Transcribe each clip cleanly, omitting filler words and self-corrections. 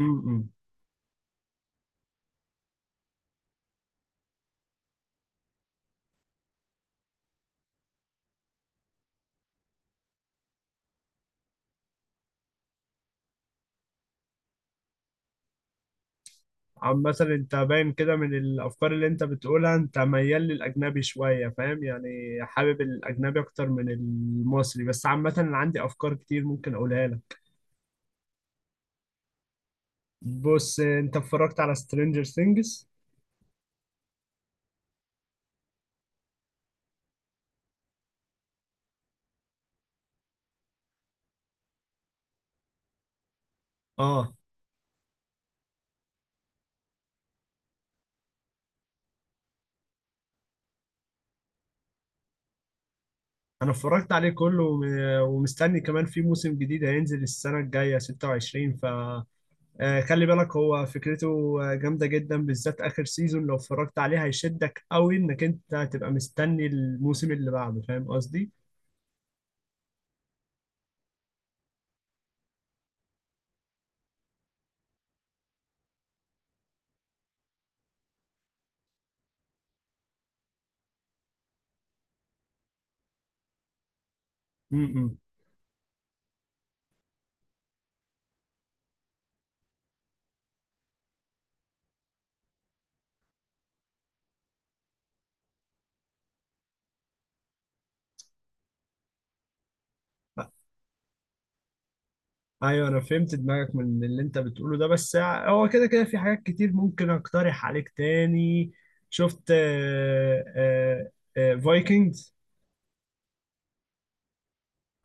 امم عم مثلا انت باين كده من الافكار اللي انت بتقولها، انت ميال للاجنبي شويه، فاهم يعني. حابب الاجنبي اكتر من المصري، بس عامه انا عندي افكار كتير ممكن اقولها لك. بص، انت اتفرجت على سترينجر ثينجز؟ اه، انا اتفرجت عليه كله ومستني كمان في موسم جديد هينزل السنه الجايه 26. ف خلي بالك هو فكرته جامده جدا، بالذات اخر سيزون لو اتفرجت عليه هيشدك قوي انك انت هتبقى مستني الموسم اللي بعده، فاهم قصدي. م- م. ايوه انا فهمت دماغك من اللي انت بتقوله ده، بس هو كده كده في حاجات كتير ممكن اقترح عليك تاني. شفت فايكنجز؟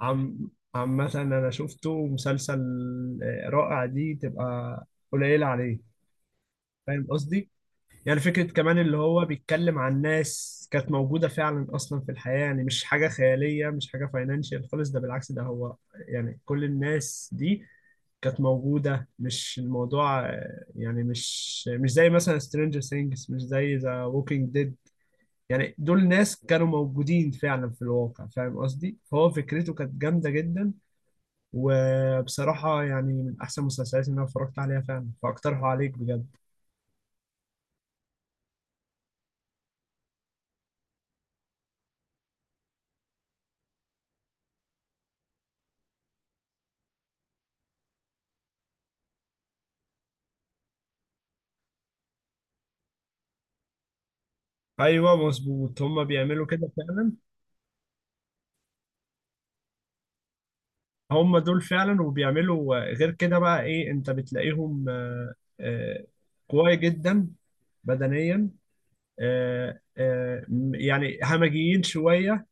عم عم مثلا انا شفته مسلسل رائع. دي تبقى قليلة عليه، فاهم قصدي. يعني فكرة كمان اللي هو بيتكلم عن ناس كانت موجودة فعلا أصلا في الحياة، يعني مش حاجة خيالية، مش حاجة فاينانشال خالص، ده بالعكس، ده هو يعني كل الناس دي كانت موجودة. مش الموضوع يعني مش زي مثلا سترينجر ثينجز، مش زي ذا ووكينج ديد. يعني دول ناس كانوا موجودين فعلا في الواقع، فاهم قصدي. فهو فكرته كانت جامدة جدا، وبصراحة يعني من أحسن المسلسلات اللي أنا اتفرجت عليها فعلا، فأقترحه عليك بجد. أيوه مظبوط، هما بيعملوا كده فعلا. هما دول فعلا، وبيعملوا غير كده بقى إيه أنت بتلاقيهم آه، قوي جدا بدنيا، يعني همجيين شوية،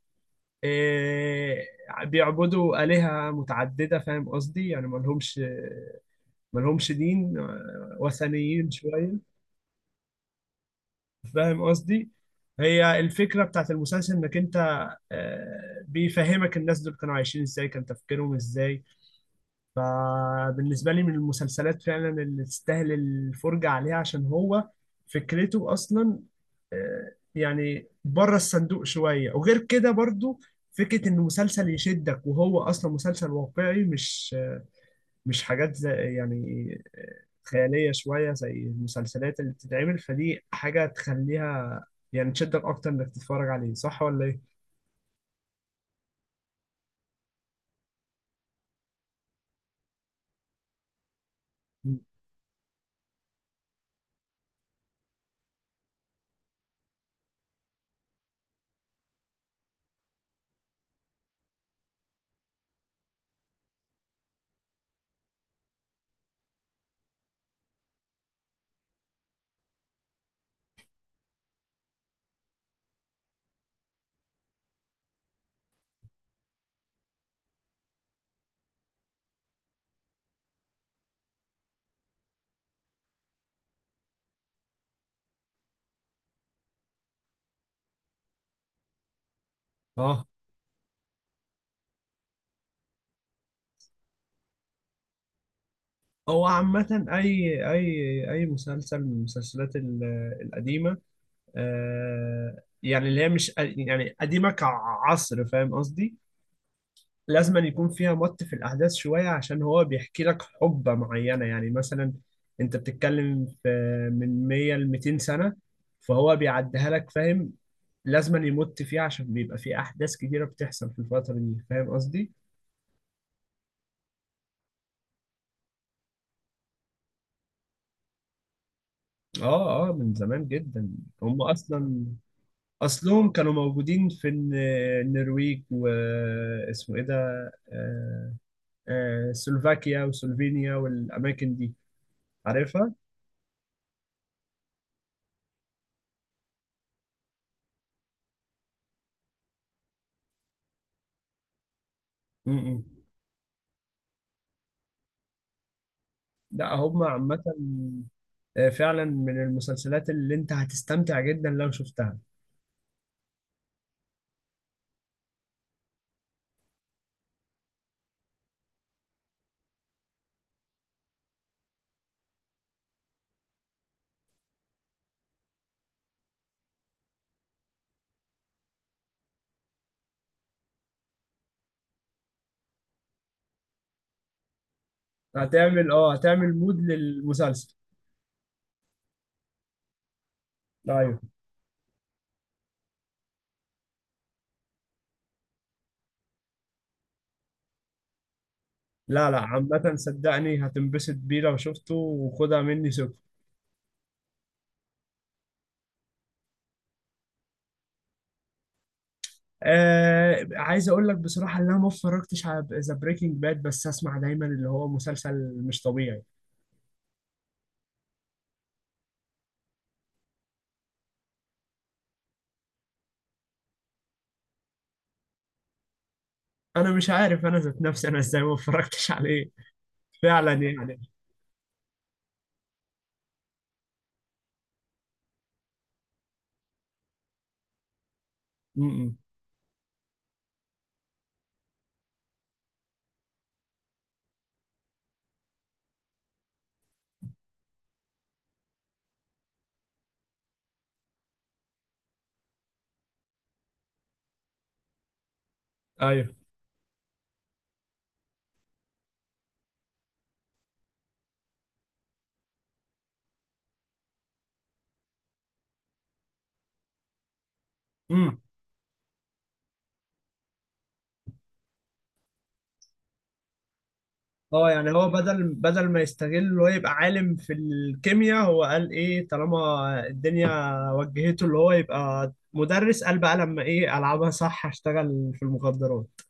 آه، بيعبدوا آلهة متعددة، فاهم قصدي، يعني ملهمش ملهمش دين، وثنيين شوية. فاهم قصدي، هي الفكرة بتاعت المسلسل إنك أنت بيفهمك الناس دول كانوا عايشين إزاي، كان تفكيرهم إزاي. فبالنسبة لي من المسلسلات فعلا اللي تستاهل الفرجة عليها، عشان هو فكرته أصلا يعني بره الصندوق شوية. وغير كده برضو فكرة إن مسلسل يشدك وهو أصلا مسلسل واقعي، مش مش حاجات زي، يعني خيالية شوية زي المسلسلات اللي بتتعمل، فدي حاجة تخليها يعني تشدك أكتر إنك تتفرج عليه، صح ولا إيه؟ مم. اه هو عامة، أي أي مسلسل من المسلسلات القديمة، آه، يعني اللي هي مش يعني قديمة كعصر، فاهم قصدي، لازم أن يكون فيها مط في الأحداث شوية، عشان هو بيحكي لك حقبة معينة. يعني مثلا أنت بتتكلم في من 100 ل 200 سنة، فهو بيعديها لك، فاهم. لازم أن يمط فيها عشان بيبقى في أحداث كتيرة بتحصل في الفترة دي، فاهم قصدي؟ آه آه من زمان جدا. هم أصلا أصلهم كانوا موجودين في النرويج، واسمه إيه ده آه، سلوفاكيا وسلوفينيا والأماكن دي، عارفها؟ امم. لا هم عامة فعلا من المسلسلات اللي أنت هتستمتع جدا لو شفتها. هتعمل اه، هتعمل مود للمسلسل. أيوه. لا لا، عامة صدقني هتنبسط بيه لو شفته، وخدها مني سكر. عايز أقول لك بصراحة إن أنا ما اتفرجتش على ذا بريكنج باد، بس أسمع دايما اللي هو مسلسل مش طبيعي. أنا مش عارف أنا ذات نفسي أنا إزاي ما اتفرجتش عليه، فعلا يعني. م -م. أيوه. امم. اه يعني هو بدل ما يستغل اللي هو يبقى عالم في الكيمياء، هو قال ايه، طالما الدنيا وجهته اللي هو يبقى مدرس، قال بقى لما ايه، العبها صح، هشتغل في المخدرات.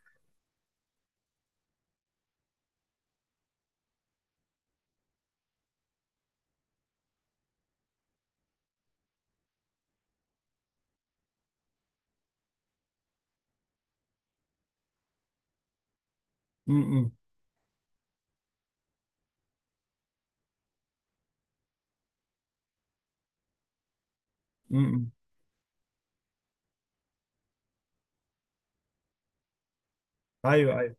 امم. امم. ايوه ايوه.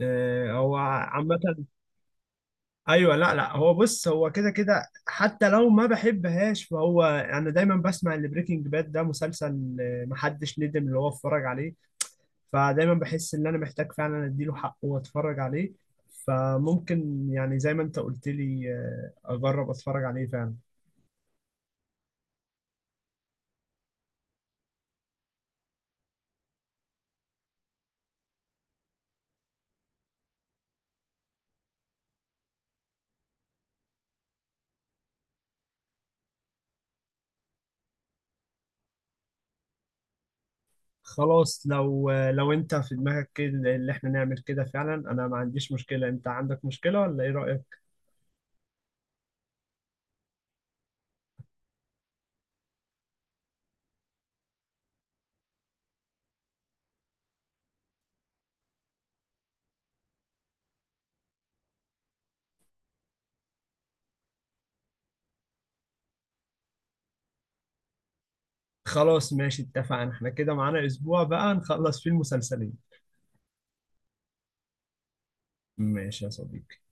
آه هو عامة، ايوه لا لا، هو بص، هو كده كده حتى لو ما بحبهاش، فهو انا دايما بسمع ان بريكنج باد ده مسلسل محدش ندم اللي هو اتفرج عليه، فدايما بحس ان انا محتاج فعلا اديله حقه واتفرج عليه. فممكن يعني زي ما انت قلت لي اجرب اتفرج عليه فعلا. خلاص، لو لو انت في دماغك كده اللي احنا نعمل كده فعلا، انا ما عنديش مشكلة، انت عندك مشكلة ولا ايه رأيك؟ خلاص ماشي، اتفقنا، احنا كده معانا اسبوع بقى نخلص فيه المسلسلين. ماشي يا صديقي.